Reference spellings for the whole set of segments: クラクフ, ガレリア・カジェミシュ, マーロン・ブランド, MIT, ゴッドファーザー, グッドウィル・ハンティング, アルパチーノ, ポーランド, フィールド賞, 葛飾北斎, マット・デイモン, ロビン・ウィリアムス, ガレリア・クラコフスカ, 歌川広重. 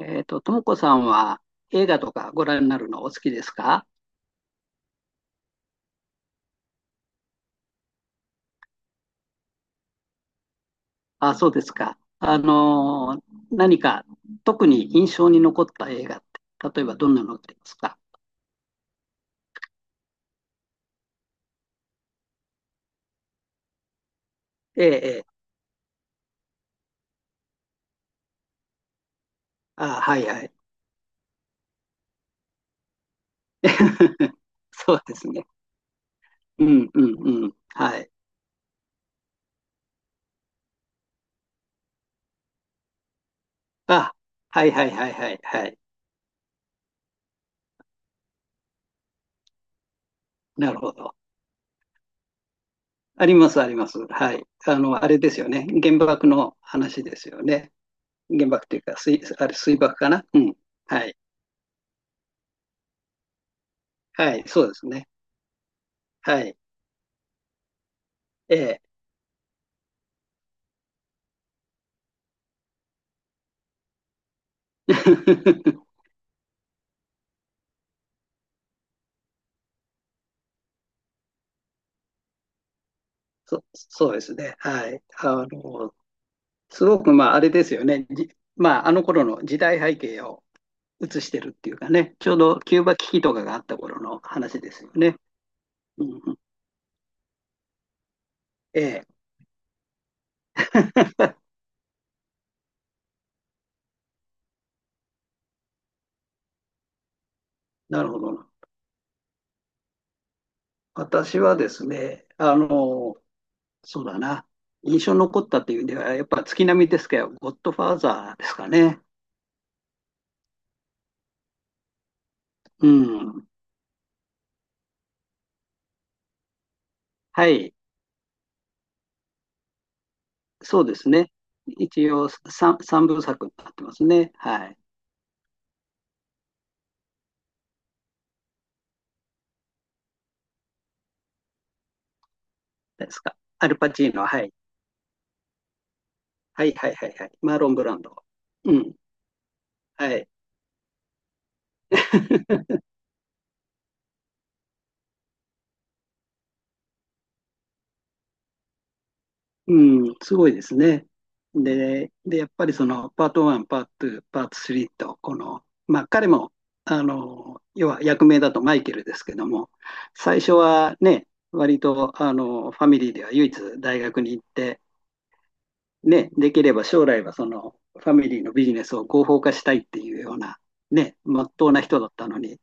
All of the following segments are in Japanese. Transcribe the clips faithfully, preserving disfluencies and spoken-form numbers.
えっと、ともこさんは映画とかご覧になるのお好きですか？あ、そうですか。あのー何か特に印象に残った映画って、例えばどんなのがありますか？ええ、ええ。あ、はいはい。そうですね。うんうんうん。はい。あ、はいはいはいはいはい。なるほど。ありますあります。はい。あの、あれですよね。原爆の話ですよね。原爆というか、水、あれ水爆かな。うん。はい。はい。そうですね。はい。ええ。 そ、そうですね。はい。あの、すごく、まあ、あれですよね。じまあ、あの頃の時代背景を映してるっていうかね、ちょうどキューバ危機とかがあった頃の話ですよね。うんうん、ええ。なるほど。私はですね、あの、そうだな。印象に残ったっていう意味では、やっぱ月並みですけど、ゴッドファーザーですかね。うん。はい。そうですね。一応3、三部作になってますね。はい。ですか。アルパチーノ、はい。はいはいはいはい。マーロン・ブランド。うん、はい。うん、すごいですね。で、で、やっぱりそのパートワン、パートツー、パートスリーと、この、まあ彼も、あの、要は役名だとマイケルですけども、最初はね、割と、あの、ファミリーでは唯一大学に行って、ね、できれば将来はそのファミリーのビジネスを合法化したいっていうような、ね、まっとうな人だったのに、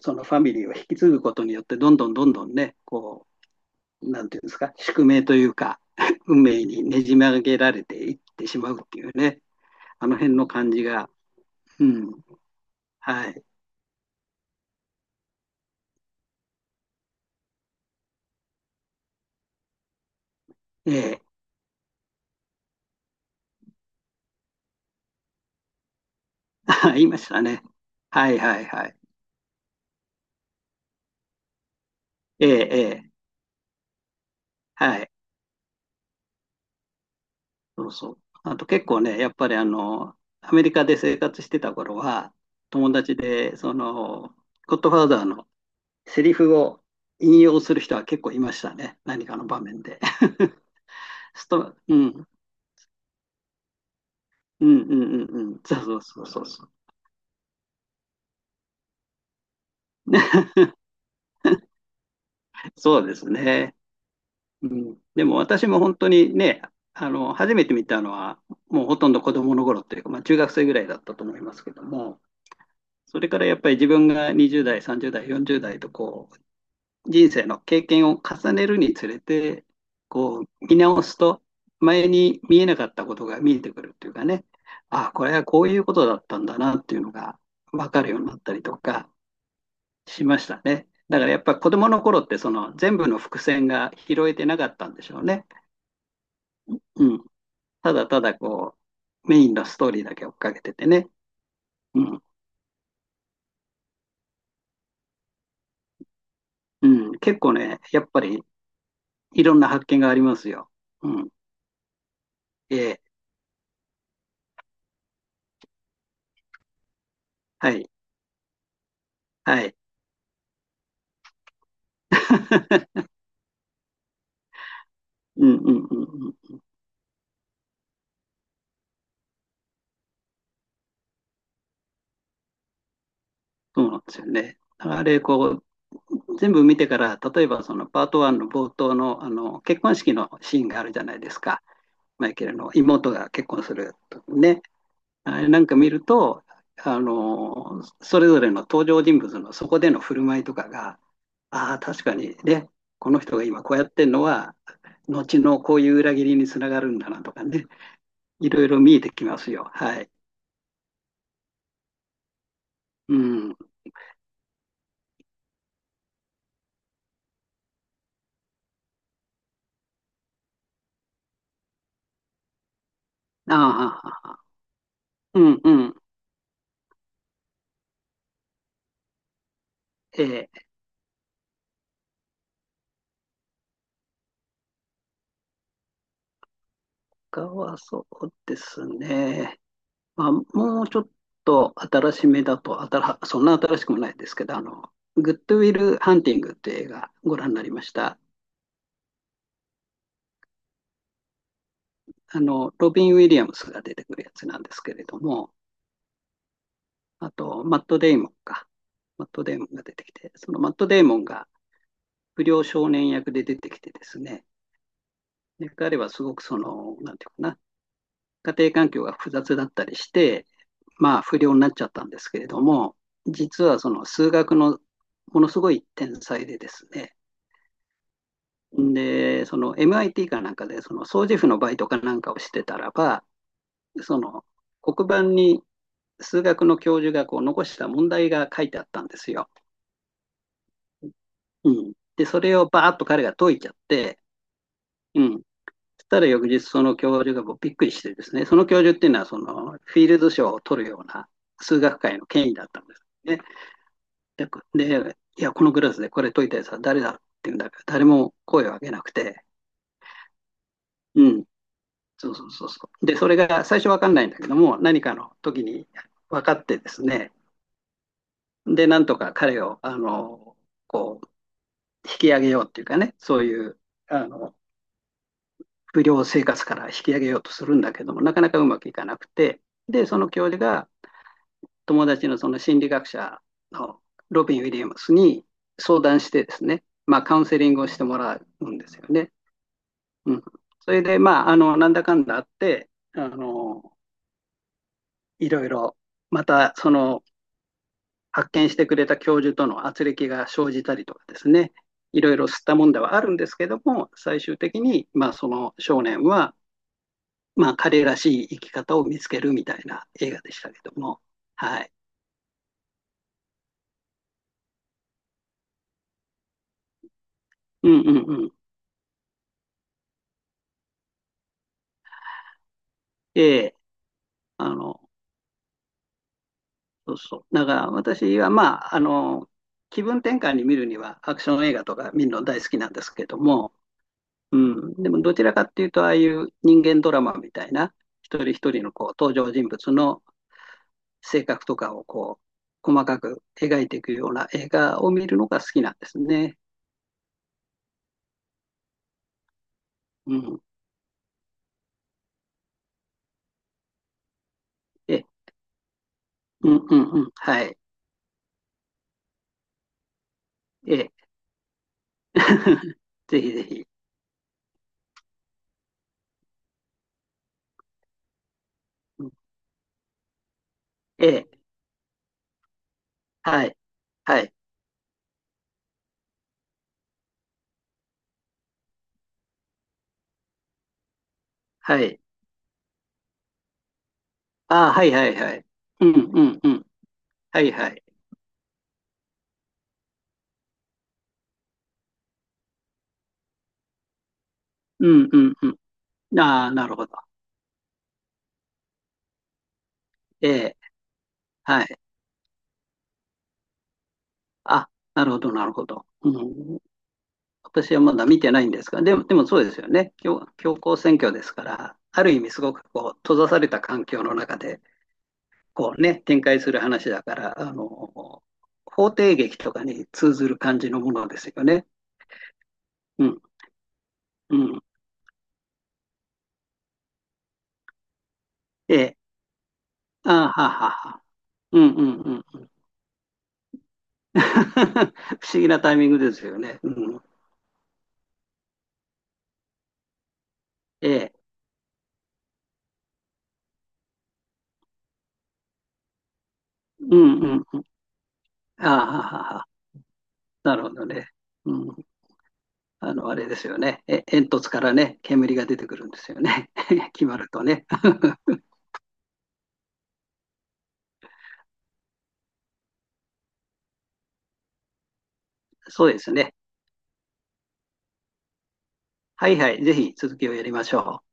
そのファミリーを引き継ぐことによって、どんどんどんどんね、こう、なんていうんですか、宿命というか、運命にねじ曲げられていってしまうっていうね、あの辺の感じが、うん、はい、ええ、あ、言いましたね。はいはいはい。ええ、ええ、はい、そうそう。あと結構ね、やっぱりあの、アメリカで生活してた頃は、友達で、その、ゴッドファーザーのセリフを引用する人は結構いましたね、何かの場面で。スト、うん、うん、うん、うん、うん、そうそうそうそう。そうですね。でも私も本当にね、あの、初めて見たのは、もうほとんど子供の頃っていうか、まあ中学生ぐらいだったと思いますけども、それからやっぱり自分がにじゅう代、さんじゅう代、よんじゅう代とこう、人生の経験を重ねるにつれて、こう、見直すと、前に見えなかったことが見えてくるっていうかね、ああ、これはこういうことだったんだなっていうのが分かるようになったりとか、しましたね。だからやっぱ子供の頃ってその全部の伏線が拾えてなかったんでしょうね。うん。ただただこう、メインのストーリーだけ追っかけててね。うん。うん。結構ね、やっぱりいろんな発見がありますよ。うん。ええ。はい。はい。うんうんうんうん。そうなんですよね。だからあれ、こう、全部見てから、例えばそのパートワンの冒頭の、あの結婚式のシーンがあるじゃないですか。マイケルの妹が結婚するとね。なんか見ると、あの、それぞれの登場人物のそこでの振る舞いとかが、ああ、確かにね、この人が今こうやってるのは、後のこういう裏切りにつながるんだなとかね、いろいろ見えてきますよ。はい。うん。ああ、うんうん。ええ、他はそうですね。まあ、もうちょっと新しめだと、新そんな新しくもないですけど、あの、グッドウィル・ハンティングっていう映画ご覧になりました？あの、ロビン・ウィリアムスが出てくるやつなんですけれども、あと、マット・デイモンか。マット・デイモンが出てきて、そのマット・デイモンが不良少年役で出てきてですね、で彼はすごくその、なんていうかな、家庭環境が複雑だったりして、まあ、不良になっちゃったんですけれども、実はその数学のものすごい天才でですね、で、その エムアイティー かなんかで、その掃除婦のバイトかなんかをしてたらば、その黒板に数学の教授がこう残した問題が書いてあったんですよ。うん、で、それをバーッと彼が解いちゃって、うん、そしたら翌日その教授がこうびっくりしてですね、その教授っていうのはそのフィールド賞を取るような数学界の権威だったんですね。で、いや、このクラスでこれ解いたやつは誰だっていうんだから、誰も声を上げなくて、うん、そうそうそうそう。で、それが最初わかんないんだけども、何かの時に分かってですね、で、なんとか彼を、あの、こう、引き上げようっていうかね、そういう、あの、不良生活から引き上げようとするんだけども、なかなかうまくいかなくて、で、その教授が友達のその心理学者のロビン・ウィリアムスに相談してですね、まあ、カウンセリングをしてもらうんですよね。うん。それで、まあ、あの、なんだかんだあって、あの、いろいろ、また、その、発見してくれた教授との圧力が生じたりとかですね、いろいろ吸ったもんではあるんですけども、最終的に、まあ、その少年は、まあ、彼らしい生き方を見つけるみたいな映画でしたけども、はい。うんうんうん。ええ、あの、そうそう。だから私は、まあ、あの、気分転換に見るにはアクション映画とか見るの大好きなんですけども、うん、でもどちらかっていうと、ああいう人間ドラマみたいな、一人一人のこう登場人物の性格とかをこう細かく描いていくような映画を見るのが好きなんですね。うん、え、うんうんうん、はい。え、ぜひぜひ。うん、ええ、はい、はい、はい。ああ、はいはいはい。うん、うん、うん。はいはい。うん、うん、うん。ああ、なるほど。ええ、はい。あ、なるほど、なるほど。うん、私はまだ見てないんですが、でも、でもそうですよね。強、強行選挙ですから、ある意味すごくこう、閉ざされた環境の中で、こうね、展開する話だから、あの、法廷劇とかに通ずる感じのものですよね。うん、うん。ええ、ああ、はあはあはあ。うん、うん、うん。不思議なタイミングですよね。うん、ええ、うんうん。ああ、なるほどね。うん、あの、あれですよね。え、煙突からね、煙が出てくるんですよね。決まるとね。そうですね。はいはい、ぜひ続きをやりましょう。